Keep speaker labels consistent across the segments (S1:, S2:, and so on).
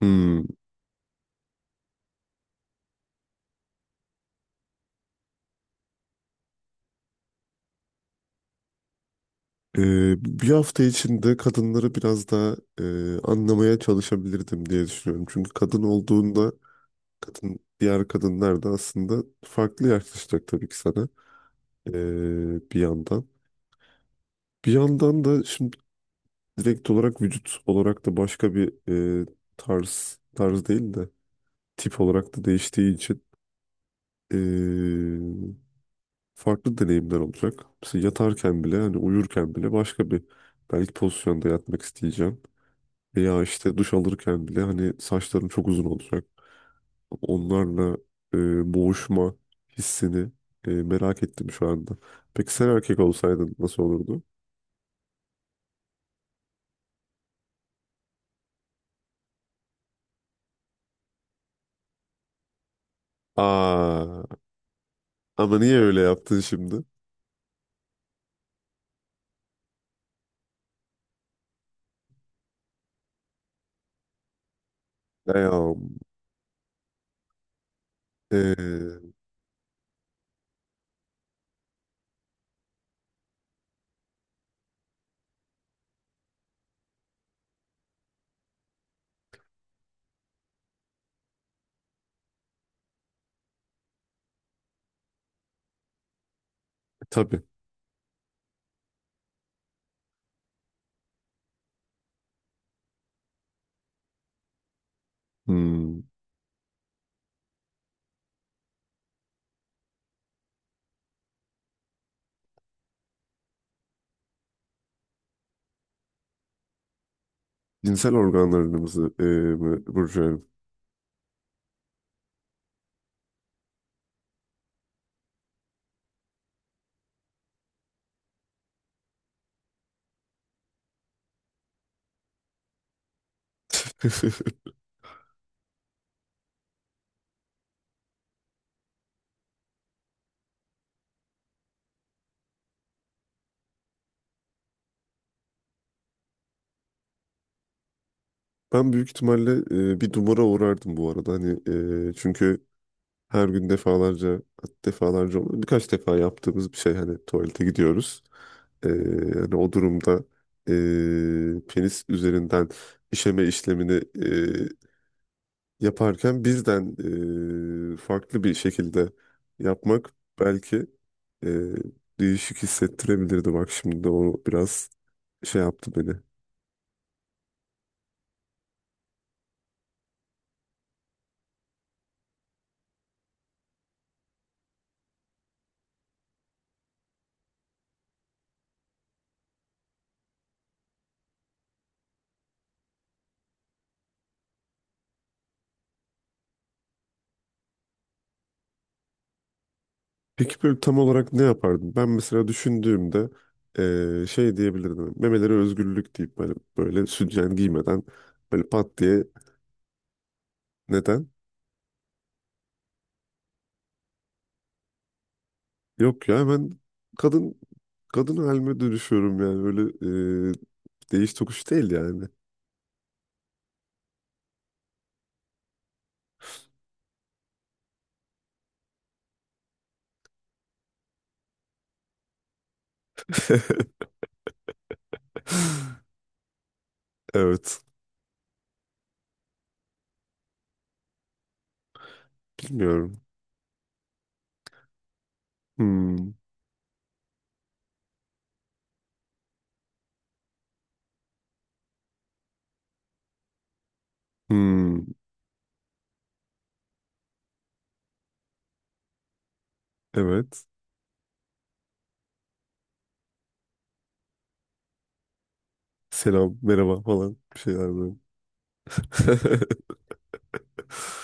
S1: Hmm. Bir hafta içinde kadınları biraz daha anlamaya çalışabilirdim diye düşünüyorum. Çünkü kadın olduğunda diğer kadınlar da aslında farklı yaklaşacak tabii ki sana, bir yandan. Bir yandan da şimdi direkt olarak vücut olarak da başka bir e, tarz değil de tip olarak da değiştiği için e, farklı deneyimler olacak. Mesela yatarken bile hani uyurken bile başka bir belki pozisyonda yatmak isteyeceğim. Ya işte duş alırken bile hani saçlarım çok uzun olacak. Onlarla boğuşma hissini merak ettim şu anda. Peki sen erkek olsaydın nasıl olurdu? Aa, ama niye öyle yaptın şimdi? Ya, e, tabii. Hmm, cinsel organlarımızı, burcu. Ben büyük ihtimalle bir dumura uğrardım bu arada. Hani çünkü her gün defalarca, defalarca olmadı. Birkaç defa yaptığımız bir şey, hani tuvalete gidiyoruz. Ee, hani o durumda penis üzerinden işeme işlemini yaparken bizden farklı bir şekilde yapmak belki ee, değişik hissettirebilirdi. Bak şimdi de o biraz şey yaptı beni. Peki böyle tam olarak ne yapardın? Ben mesela düşündüğümde şey diyebilirdim. Memeleri özgürlük deyip böyle, böyle sütyen giymeden böyle pat diye neden? Yok ya, hemen kadın kadın halime dönüşüyorum yani böyle, eee, değiş tokuş değil yani. Evet, bilmiyorum. Hmm, hmm, evet. Selam, merhaba falan, bir şeyler böyle.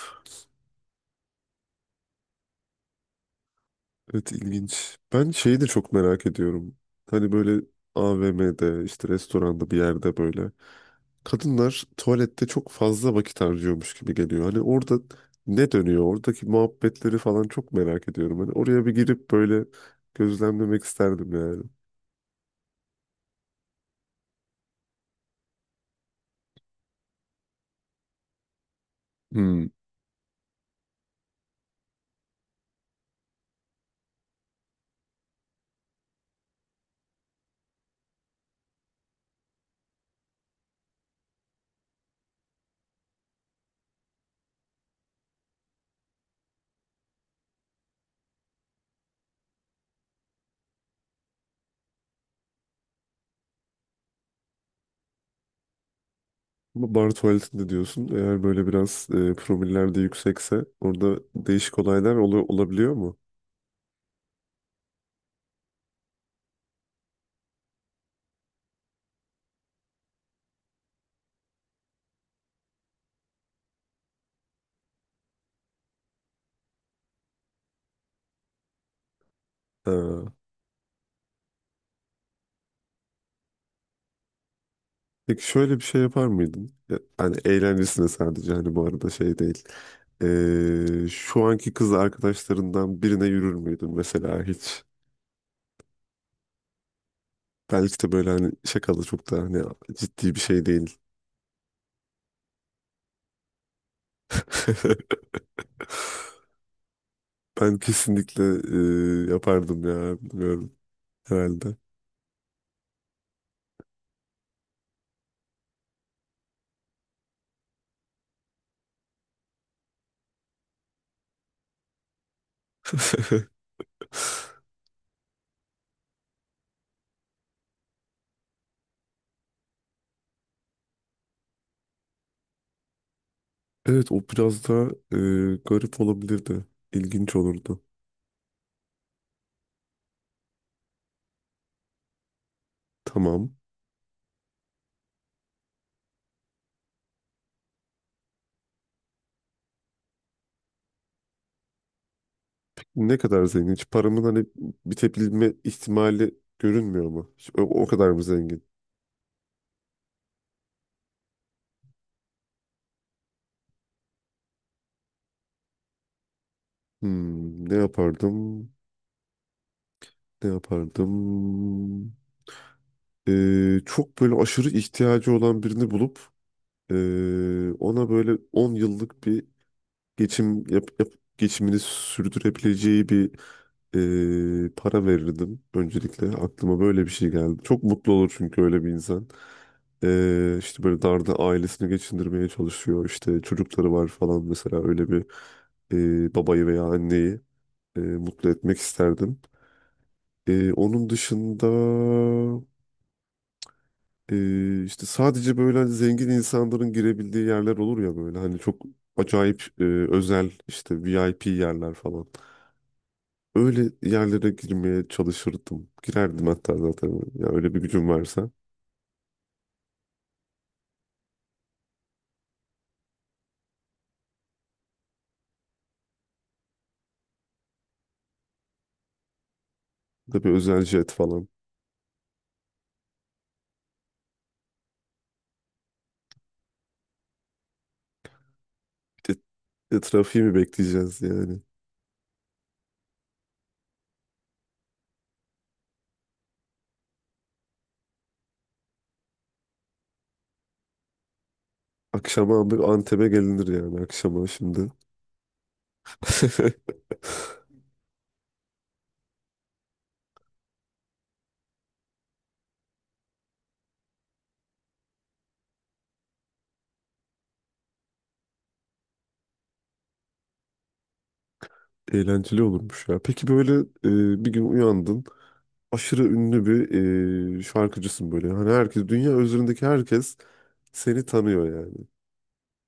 S1: Evet, ilginç. Ben şeyi de çok merak ediyorum. Hani böyle AVM'de, işte restoranda, bir yerde böyle kadınlar tuvalette çok fazla vakit harcıyormuş gibi geliyor. Hani orada ne dönüyor? Oradaki muhabbetleri falan çok merak ediyorum. Hani oraya bir girip böyle gözlemlemek isterdim yani. Hmm. Ama bar tuvaletinde diyorsun, eğer böyle biraz promiller de yüksekse orada değişik olaylar olabiliyor mu? Ha. Peki şöyle bir şey yapar mıydın? Ya, hani eğlencesine sadece, hani bu arada şey değil. Şu anki kız arkadaşlarından birine yürür müydün mesela hiç? Belki de böyle hani şakalı, çok da hani ciddi bir şey değil. Ben kesinlikle yapardım ya, bilmiyorum herhalde. Evet, o biraz da garip olabilirdi. İlginç olurdu. Tamam. Ne kadar zengin? Hiç paramın hani bitebilme ihtimali görünmüyor mu? Hiç o, o kadar mı zengin? Hmm, ne yapardım? Ne yapardım? Çok böyle aşırı ihtiyacı olan birini bulup ona böyle 10 yıllık bir geçim yap, yap- geçimini sürdürebileceği bir para verirdim öncelikle. Aklıma böyle bir şey geldi. Çok mutlu olur çünkü öyle bir insan. İşte böyle darda ailesini geçindirmeye çalışıyor. İşte çocukları var falan, mesela öyle bir babayı veya anneyi mutlu etmek isterdim. Onun dışında işte sadece böyle hani zengin insanların girebildiği yerler olur ya, böyle hani çok acayip özel, işte VIP yerler falan. Öyle yerlere girmeye çalışırdım. Girerdim hatta zaten ya, öyle bir gücüm varsa. Tabii, özel jet falan. Bir de- bir de trafiği mi bekleyeceğiz yani? Akşama abi Antep'e gelinir yani akşama şimdi. Eğlenceli olurmuş ya. Peki böyle bir gün uyandın. Aşırı ünlü bir şarkıcısın böyle. Hani herkes, dünya üzerindeki herkes seni tanıyor yani.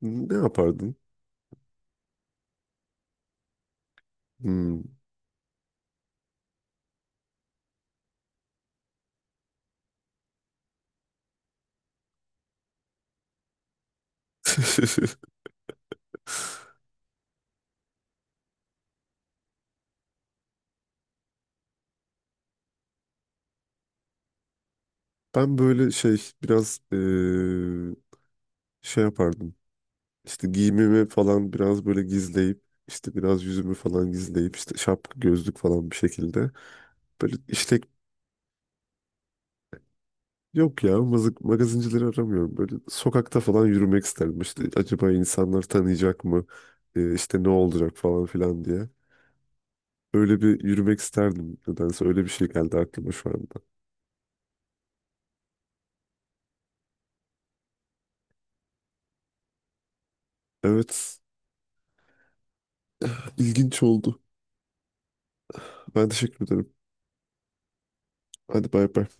S1: Ne yapardın? Hmm. Ben böyle şey biraz şey yapardım. İşte giyimimi falan biraz böyle gizleyip, işte biraz yüzümü falan gizleyip, işte şapka gözlük falan bir şekilde böyle işte. Yok ya, mazık, magazincileri aramıyorum. Böyle sokakta falan yürümek isterdim. İşte acaba insanlar tanıyacak mı? İşte ne olacak falan filan diye. Öyle bir yürümek isterdim. Nedense öyle bir şey geldi aklıma şu anda. Evet, ilginç oldu. Ben teşekkür ederim. Hadi bay bay.